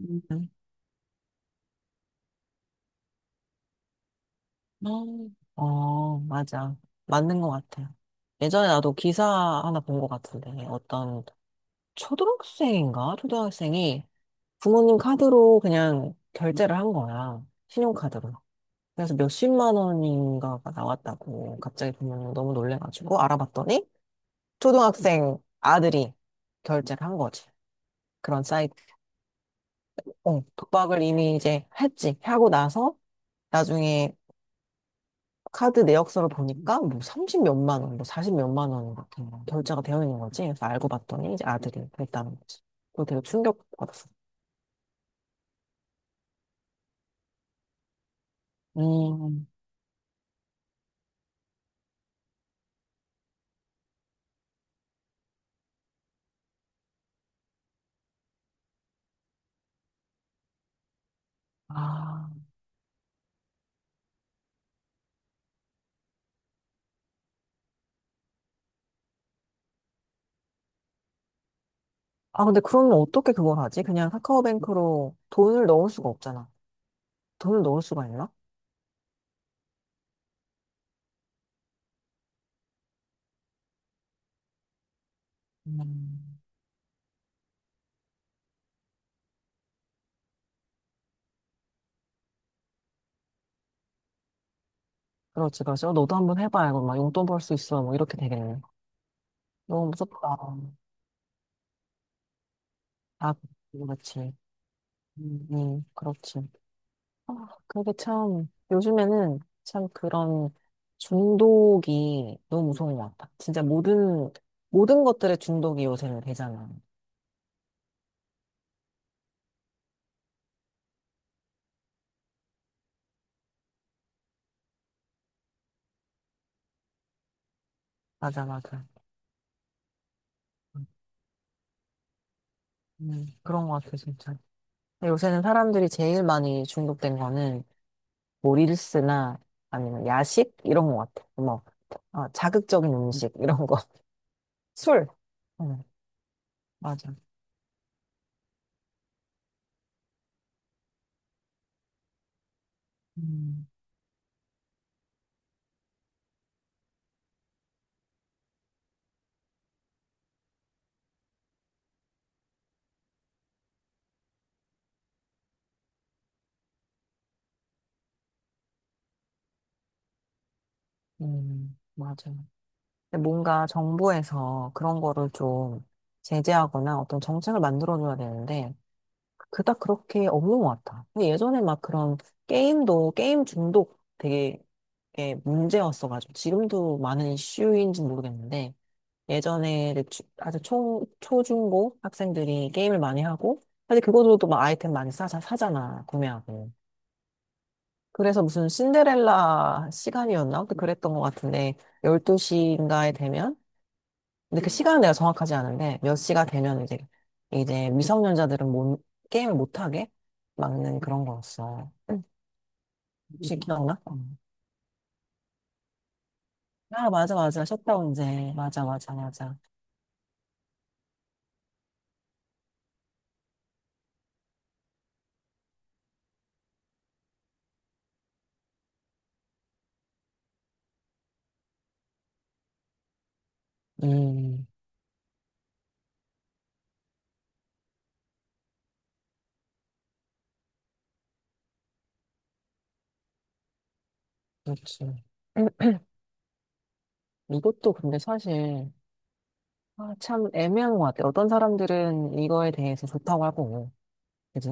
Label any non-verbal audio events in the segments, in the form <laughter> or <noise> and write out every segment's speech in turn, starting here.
음. 음. 어, 어, 맞아. 맞는 것 같아. 예전에 나도 기사 하나 본 것 같은데, 어떤 초등학생인가? 초등학생이 부모님 카드로 그냥 결제를 한 거야. 신용카드로. 그래서 몇십만 원인가가 나왔다고 갑자기 부모님 너무 놀래가지고 알아봤더니 초등학생 아들이 결제를 한 거지. 그런 사이트. 어, 독박을 이미 이제 했지. 하고 나서 나중에 카드 내역서를 보니까 뭐 30몇만 원, 뭐 40몇만 원 같은 거 결제가 되어 있는 거지. 그래서 알고 봤더니 이제 아들이 그랬다는 거지. 그거 되게 충격받았어. 음. 아. 아, 근데 그러면 어떻게 그걸 하지? 그냥 카카오뱅크로 돈을 넣을 수가 없잖아. 돈을 넣을 수가 있나? 음. 그렇지, 그렇지. 어, 너도 한번 해봐. 이거 막 용돈 벌 수 있어. 뭐 이렇게 되겠네. 너무 무섭다. 아, 그렇지. 그렇지. 아, 그게 참, 요즘에는 참 그런 중독이 너무 무서운 것 같아. 진짜 모든 것들의 중독이 요새는 되잖아. 맞아, 맞아. 그런 것 같아, 진짜. 요새는 사람들이 제일 많이 중독된 거는 뭐 릴스나 아니면 야식? 이런 것 같아. 뭐, 아, 자극적인 음식, 이런 거. <laughs> 술. 응, 맞아. 음, 맞아. 근데 뭔가 정부에서 그런 거를 좀 제재하거나 어떤 정책을 만들어줘야 되는데, 그닥 그렇게 없는 것 같아. 근데 예전에 막 그런 게임도, 게임 중독 되게 예, 문제였어가지고, 지금도 많은 이슈인지 모르겠는데, 예전에 이제 아주 초중고 학생들이 게임을 많이 하고, 사실 그것으로도 막 아이템 많이 사잖아, 구매하고. 그래서 무슨 신데렐라 시간이었나? 그랬던 것 같은데, 12시인가에 되면, 근데 그 시간은 내가 정확하지 않은데 몇 시가 되면 이제 미성년자들은 못, 게임을 못하게 막는 그런 거였어. 응. 혹시 기억나? 응. 아, 맞아, 맞아, 셧다운제, 맞아, 맞아, 맞아. 음, 그렇지. 음, 이것도 근데 사실 아, 참 애매한 것 같아. 어떤 사람들은 이거에 대해서 좋다고 할 거고, 그지?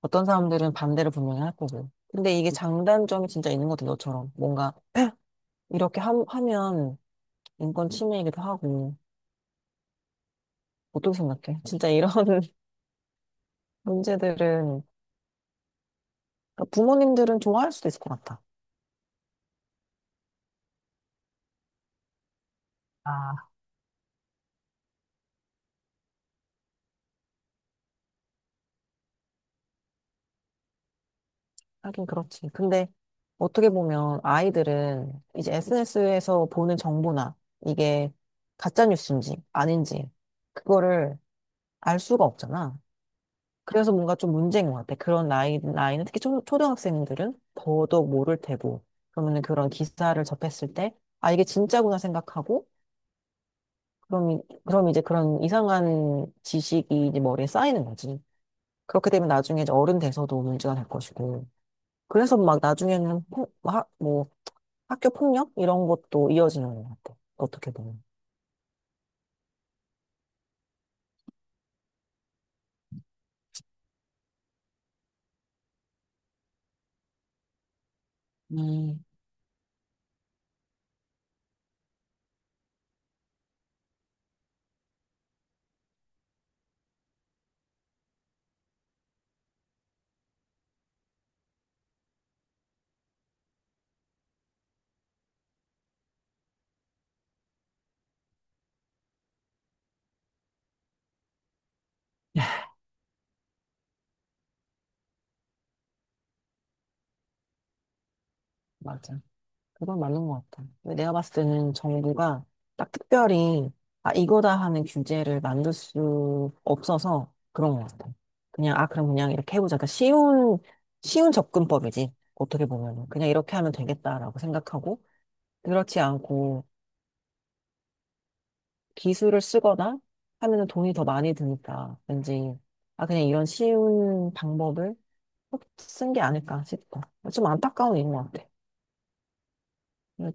어떤 사람들은 반대를 분명히 할 거고. 근데 이게 장단점이 진짜 있는 것 같아, 너처럼. 뭔가 <clears throat> 이렇게 하면 인권 침해이기도 하고. 어떻게 생각해? 진짜 이런 <laughs> 문제들은 그러니까 부모님들은 좋아할 수도 있을 것 같아. 아, 하긴 그렇지. 근데 어떻게 보면 아이들은 이제 SNS에서 보는 정보나 이게 가짜 뉴스인지 아닌지 그거를 알 수가 없잖아. 그래서 뭔가 좀 문제인 것 같아. 그런 나이는 특히 초등학생들은 더더욱 모를 테고. 그러면 그런 기사를 접했을 때, 아, 이게 진짜구나 생각하고, 그럼 이제 그런 이상한 지식이 이제 머리에 쌓이는 거지. 그렇게 되면 나중에 이제 어른 돼서도 문제가 될 것이고. 그래서 막 나중에는 뭐 학교 폭력 이런 것도 이어지는 것 같아. 어떻게 보면. 음, <laughs> 맞아. 그건 맞는 것 같아. 근데 내가 봤을 때는 정부가 딱 특별히, 아, 이거다 하는 규제를 만들 수 없어서 그런 것 같아. 그냥, 아, 그럼 그냥 이렇게 해보자. 그러니까 쉬운 접근법이지. 어떻게 보면 그냥 이렇게 하면 되겠다라고 생각하고, 그렇지 않고, 기술을 쓰거나 하면은 돈이 더 많이 드니까 왠지 아 그냥 이런 쉬운 방법을 쓴 게 아닐까 싶어. 좀 안타까운 일인 것 같아. 그-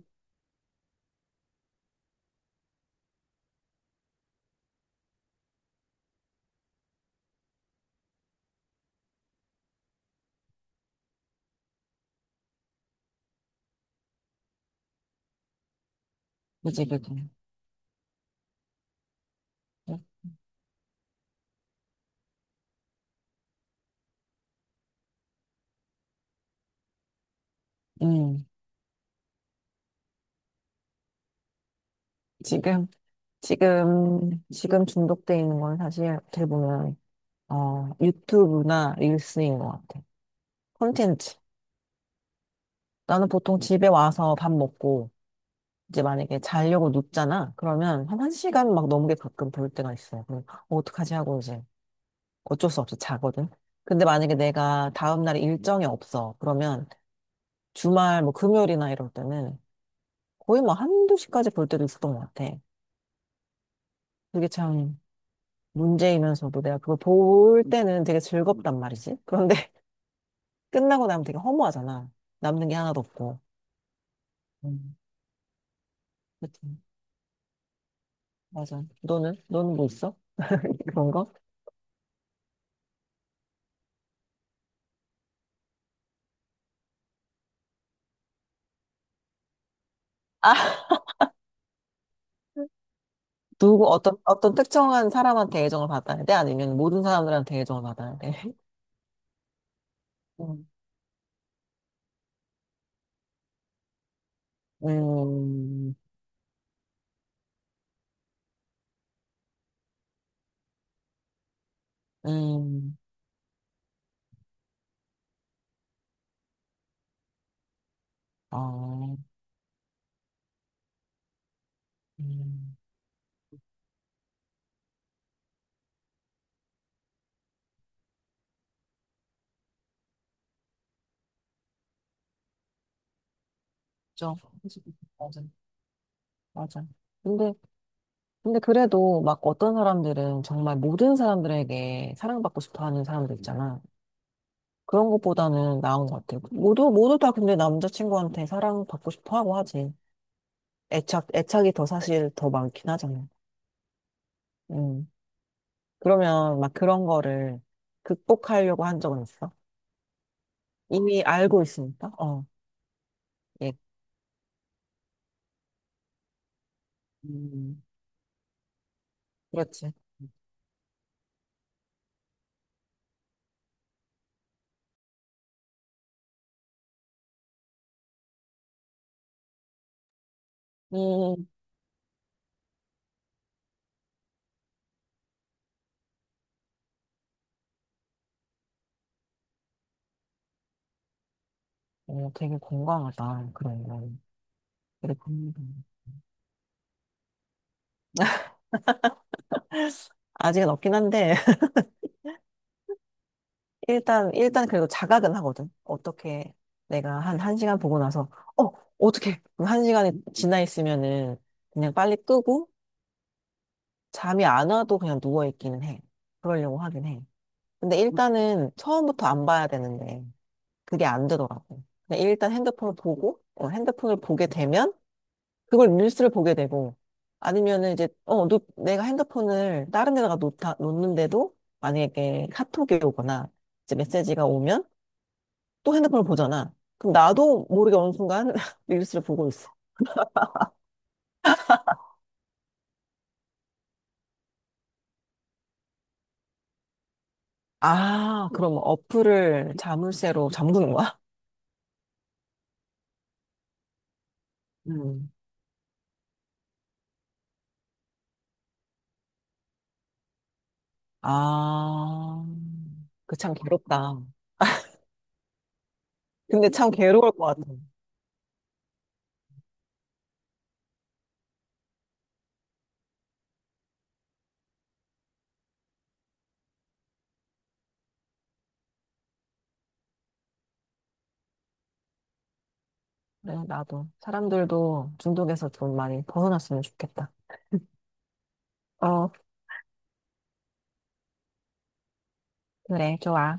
그지, 그지. 음 지금 지금 중독돼 있는 건 사실 어떻게 보면 유튜브나 릴스인 것 같아. 콘텐츠. 나는 보통 집에 와서 밥 먹고 이제 만약에 자려고 눕잖아. 그러면 한 1시간 막 넘게 가끔 볼 때가 있어. 그럼 어떡하지 하고 이제 어쩔 수 없이 자거든. 근데 만약에 내가 다음날 일정이 없어. 그러면 주말 뭐 금요일이나 이럴 때는 거의 뭐 한두 시까지 볼 때도 있었던 것 같아. 그게 참 문제이면서도 내가 그걸 볼 때는 되게 즐겁단 말이지. 그런데 <laughs> 끝나고 나면 되게 허무하잖아. 남는 게 하나도 없고. 음, 그치. 맞아. 너는? 너는 뭐 있어? <laughs> 그런 거? 아, 누구, 어떤, 특정한 사람한테 애정을 받아야 돼? 아니면 모든 사람들한테 애정을 받아야 돼? <laughs> 음, 음, 음, 아, 음, 그 맞아, 맞아. 근데, 근데 그래도 막 어떤 사람들은 정말 모든 사람들에게 사랑받고 싶어 하는 사람들 있잖아. 그런 것보다는 나은 것 같아. 모두, 모두 다 근데 남자친구한테 사랑받고 싶어 하고 하지. 애착이 더 사실 더 많긴 하잖아. 음. 그러면 막 그런 거를 극복하려고 한 적은 있어? 이미 알고 있으니까? 어, 예. 음, 그렇지. 음, 되게 건강하다. 그런 건. 그래, 겁니다. <laughs> 아직은 없긴 한데, <laughs> 일단 그래도 자각은 하거든. 어떻게 내가 한, 1시간 보고 나서, 어, 어떻게, 한 시간이 지나 있으면은 그냥 빨리 끄고, 잠이 안 와도 그냥 누워있기는 해. 그러려고 하긴 해. 근데 일단은 처음부터 안 봐야 되는데, 그게 안 되더라고. 그냥 일단 핸드폰을 보고, 핸드폰을 보게 되면, 그걸 릴스를 보게 되고, 아니면은 이제, 내가 핸드폰을 다른 데다가 놓는데도, 만약에 카톡이 오거나, 이제 메시지가 오면, 또 핸드폰을 보잖아. 그럼 나도 모르게 어느 순간 <laughs> 릴스를 보고 있어. 아, 그럼 어플을 자물쇠로 잠그는 거야? 음. 아, 그 참 괴롭다. 근데 참 괴로울 것 같아. 그래, 나도. 사람들도 중독에서 좀 많이 벗어났으면 좋겠다. 어, 그래, 좋아.